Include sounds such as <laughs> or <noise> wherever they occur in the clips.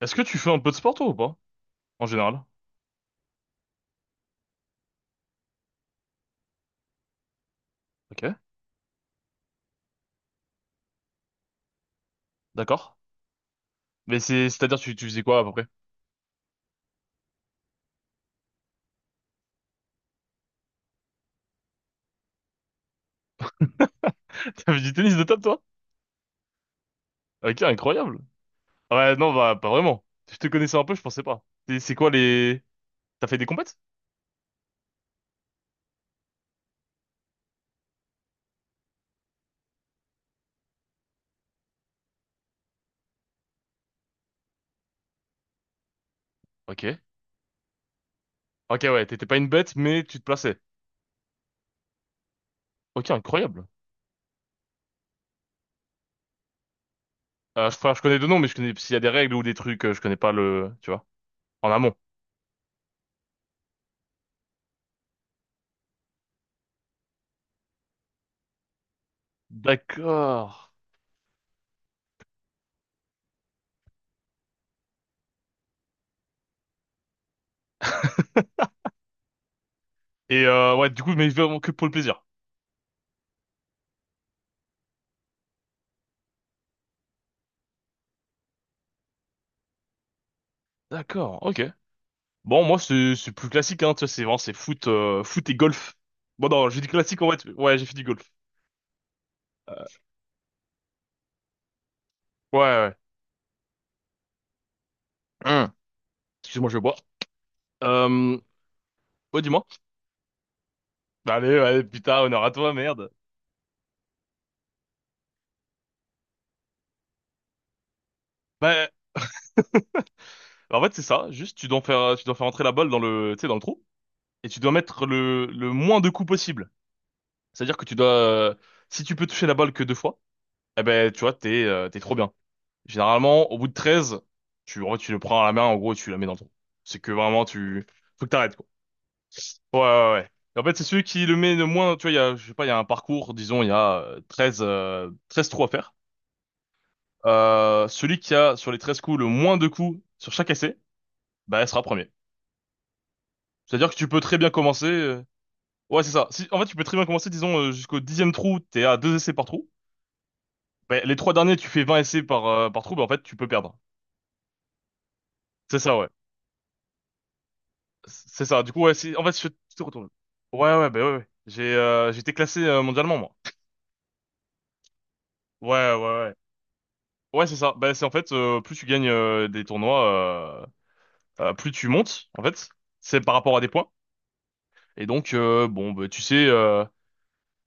Est-ce que tu fais un peu de sport toi ou pas? En général. Ok, d'accord. Mais c'est-à-dire tu faisais quoi à peu près? <laughs> T'avais du tennis de table toi? Ok, incroyable. Ouais, non, bah pas vraiment. Si je te connaissais un peu, je pensais pas. C'est quoi les. T'as fait des compètes? Ok. Ok, ouais, t'étais pas une bête, mais tu te plaçais. Ok, incroyable. Enfin, je connais deux noms, mais je connais s'il y a des règles ou des trucs, je connais pas le. Tu vois, en amont. D'accord. <laughs> Et ouais, du coup, mais vraiment que pour le plaisir. D'accord, ok. Bon, moi, c'est plus classique, hein, tu vois, c'est foot, foot et golf. Bon, non, j'ai dit classique, en fait. Ouais, j'ai fait du golf. Euh, ouais, ouais. Hum. Excuse-moi, je vais boire. Euh, ouais, dis-moi. Bah, allez, allez, putain, honneur à toi, merde. Bah, en fait, c'est ça. Juste, tu dois faire entrer la balle tu sais, dans le trou. Et tu dois mettre le moins de coups possible. C'est-à-dire que si tu peux toucher la balle que deux fois, eh ben, tu vois, t'es trop bien. Généralement, au bout de 13, en vrai, tu le prends à la main, en gros, et tu la mets dans le trou. C'est que vraiment, faut que t'arrêtes, quoi. Ouais, ouais, ouais. En fait, c'est celui qui le met le moins, tu vois, je sais pas, il y a un parcours, disons, il y a 13 13 trous à faire. Celui qui a, sur les 13 coups, le moins de coups sur chaque essai, bah, elle sera premier. C'est-à-dire que tu peux très bien commencer. Ouais, c'est ça. Si, en fait, tu peux très bien commencer, disons, jusqu'au dixième trou, t'es à deux essais par trou. Bah, les trois derniers, tu fais 20 essais par trou, bah, en fait, tu peux perdre. C'est ça, ouais. C'est ça. Du coup, ouais, en fait, je te retourne. Ouais, ouais, bah, ouais, ouais. J'étais classé mondialement, moi. Ouais, ouais, ouais. Ouais, c'est ça. Bah, c'est en fait, plus tu gagnes des tournois, plus tu montes, en fait. C'est par rapport à des points. Et donc, bon, bah, tu sais,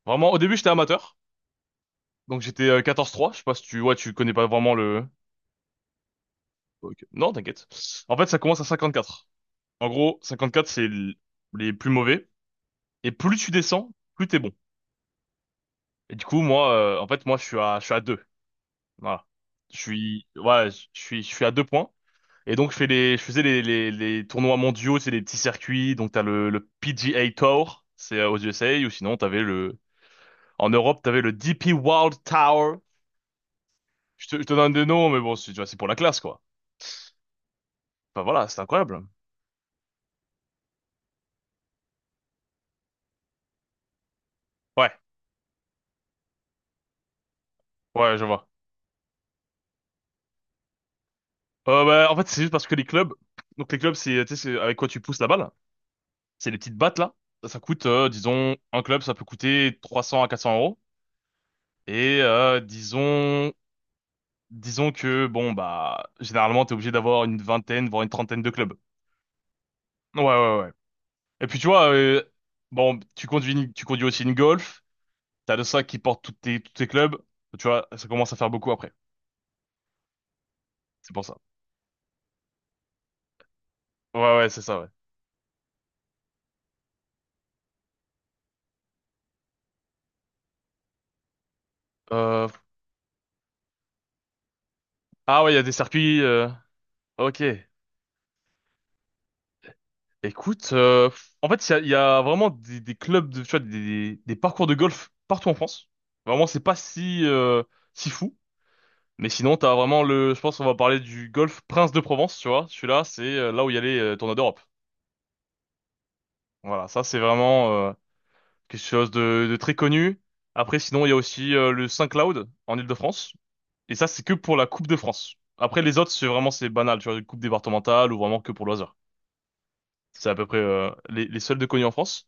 vraiment, au début, j'étais amateur. Donc, j'étais 14-3. Je sais pas si ouais, tu connais pas vraiment le. Ok. Non, t'inquiète. En fait, ça commence à 54. En gros, 54, c'est les plus mauvais. Et plus tu descends, plus t'es bon. Et du coup, en fait, moi, je suis à 2. Voilà. Je suis, ouais, je suis à 2 points. Et donc, je faisais les tournois mondiaux, c'est des petits circuits. Donc, t'as le PGA Tour, c'est aux USA, ou sinon, en Europe, t'avais le DP World Tour. Je te donne des noms, mais bon, tu vois, c'est pour la classe, quoi. Enfin, voilà, c'est incroyable. Ouais, ouais, je vois. Bah, en fait, c'est juste parce que les clubs, donc les clubs, tu sais, c'est avec quoi tu pousses la balle. C'est les petites battes, là. Ça coûte, disons, un club, ça peut coûter 300 à 400 euros. Et, disons que, bon, bah, généralement, t'es obligé d'avoir une vingtaine, voire une trentaine de clubs. Ouais, ouais, ouais. Et puis tu vois, bon, tu conduis aussi une Golf, t'as le sac qui porte tous tes clubs, tu vois, ça commence à faire beaucoup après. C'est pour ça. Ouais, ouais, c'est ça, ouais. Euh, ah ouais, il y a des circuits, ok. Écoute, en fait, il y a vraiment tu vois, des parcours de golf partout en France. Vraiment, c'est pas si fou. Mais sinon, t'as vraiment je pense qu'on va parler du golf Prince de Provence, tu vois. Celui-là, c'est là où il y a les tournois d'Europe. Voilà, ça, c'est vraiment, quelque chose de très connu. Après, sinon, il y a aussi le Saint-Cloud en Île-de-France. Et ça, c'est que pour la Coupe de France. Après, les autres, c'est banal, tu vois, une coupe départementale ou vraiment que pour loisir. C'est à peu près les seuls de connus en France.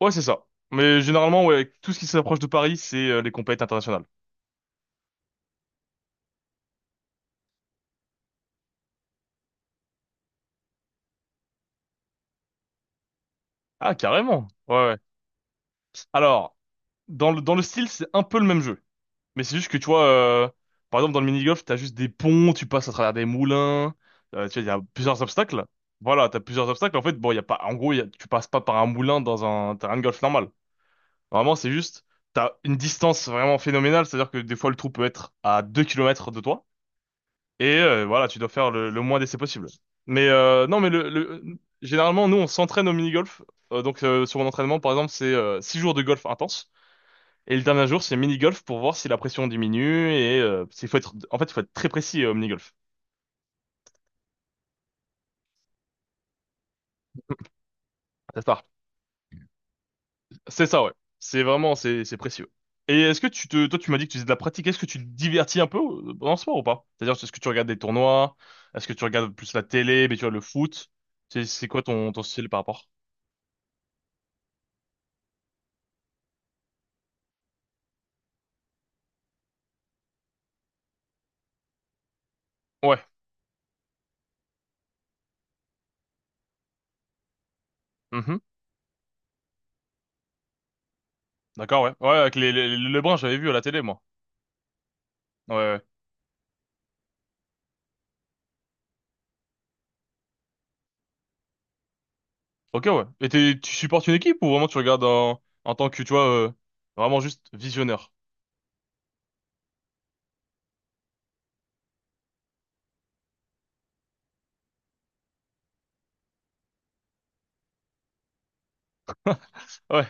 Ouais, c'est ça. Mais généralement, ouais, tout ce qui s'approche de Paris, c'est les compétitions internationales. Ah, carrément. Ouais, ouais. Alors, dans le style, c'est un peu le même jeu. Mais c'est juste que tu vois, par exemple dans le mini-golf, t'as juste des ponts, tu passes à travers des moulins, tu vois, il y a plusieurs obstacles. Voilà, t'as plusieurs obstacles. En fait, bon, il y a pas, en gros, tu passes pas par un moulin dans un terrain de golf normal. Normalement, c'est juste, t'as une distance vraiment phénoménale, c'est-à-dire que des fois le trou peut être à 2 kilomètres de toi, et voilà, tu dois faire le moins d'essais possible. Mais non, généralement, nous, on s'entraîne au mini-golf. Donc, sur mon entraînement, par exemple, c'est 6 jours de golf intense. Et le dernier jour, c'est mini-golf pour voir si la pression diminue et en fait, il faut être très précis au mini-golf. Ça part. C'est ça, ouais. C'est précieux. Et est-ce que toi, tu m'as dit que tu faisais de la pratique. Est-ce que tu te divertis un peu dans ce sport ou pas? C'est-à-dire, est-ce que tu regardes des tournois? Est-ce que tu regardes plus la télé, mais tu vois le foot? C'est quoi ton style par rapport? Ouais. Mhm. D'accord, ouais. Ouais, avec les Lebrun, j'avais vu à la télé, moi. Ouais, ouais. Ok, ouais. Et tu supportes une équipe ou vraiment tu regardes en tant que, tu vois, vraiment juste visionneur? Ouais.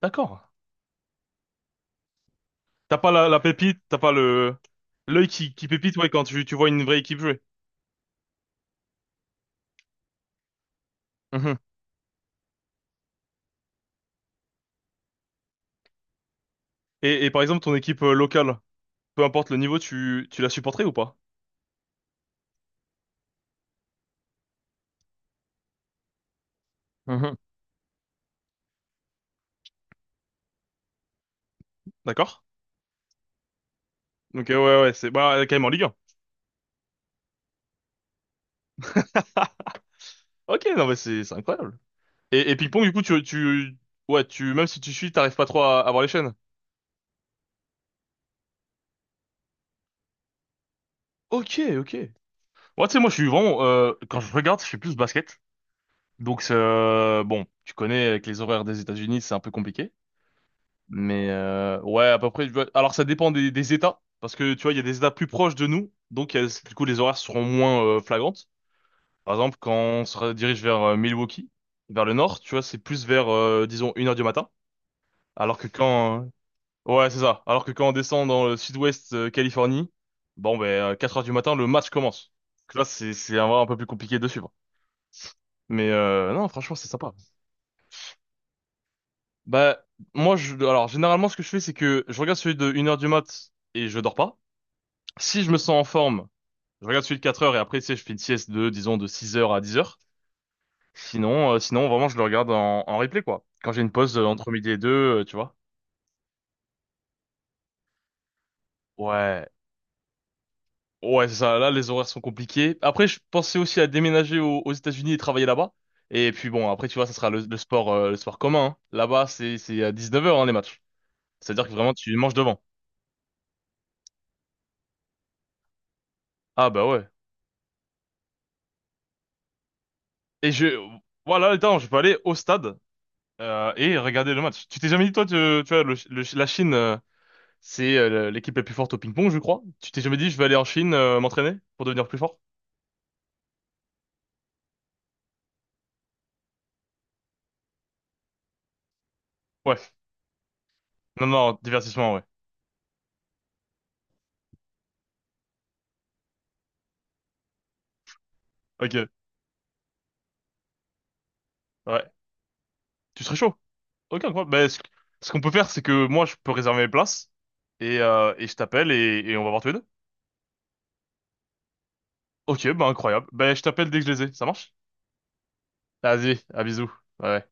D'accord. T'as pas la pépite, t'as pas le l'œil qui pépite, ouais, quand tu vois une vraie équipe jouer. Mhm. Et par exemple ton équipe locale, peu importe le niveau, tu la supporterais ou pas? Mhm. D'accord? Donc ouais, ouais, c'est, bah euh,, quand même en Ligue 1. Ok, non, mais c'est incroyable. Et ping-pong, du coup, tu, ouais, tu même si tu suis, t'arrives pas trop à voir les chaînes. Ok, ok. Ouais, tu sais, moi je suis vraiment quand je regarde, je suis plus basket. Donc c'est, bon, tu connais, avec les horaires des États-Unis, c'est un peu compliqué. Mais ouais, à peu près. Alors ça dépend des États, parce que tu vois, il y a des États plus proches de nous, donc du coup les horaires seront moins flagrantes. Par exemple, quand on se dirige vers Milwaukee, vers le nord, tu vois, c'est plus vers, disons, une heure du matin. Alors que quand... euh, Ouais, c'est ça. Alors que quand on descend dans le sud-ouest Californie, bon, ben, 4 heures du matin, le match commence. Donc là, c'est un peu plus compliqué de suivre. Mais non, franchement, c'est sympa. Bah, moi, alors, généralement, ce que je fais, c'est que je regarde celui de une heure du mat et je dors pas. Si je me sens en forme, je regarde celui de 4 heures et après, tu sais, je fais une sieste disons, de 6 heures à 10 heures. Sinon, sinon, vraiment, je le regarde en replay, quoi. Quand j'ai une pause entre midi et deux, tu vois. Ouais. Ouais, c'est ça. Là, les horaires sont compliqués. Après, je pensais aussi à déménager aux États-Unis et travailler là-bas. Et puis bon, après, tu vois, ça sera le sport commun, hein. Là-bas, c'est à 19h, hein, les matchs. C'est-à-dire que vraiment, tu manges devant. Ah, bah ouais. Et voilà, attends, je peux aller au stade, et regarder le match. Tu t'es jamais dit, toi, tu vois, la Chine. C'est l'équipe la plus forte au ping-pong, je crois. Tu t'es jamais dit, je vais aller en Chine m'entraîner pour devenir plus fort? Ouais. Non, non, divertissement, ouais. Ok, ouais. Tu serais chaud? Ok, quoi. Ben, ce qu'on peut faire, c'est que moi, je peux réserver mes places et je t'appelle et on va voir tous les deux. Ok, ben, incroyable. Ben, je t'appelle dès que je les ai. Ça marche? Vas-y, à bisous. Ouais. Ouais.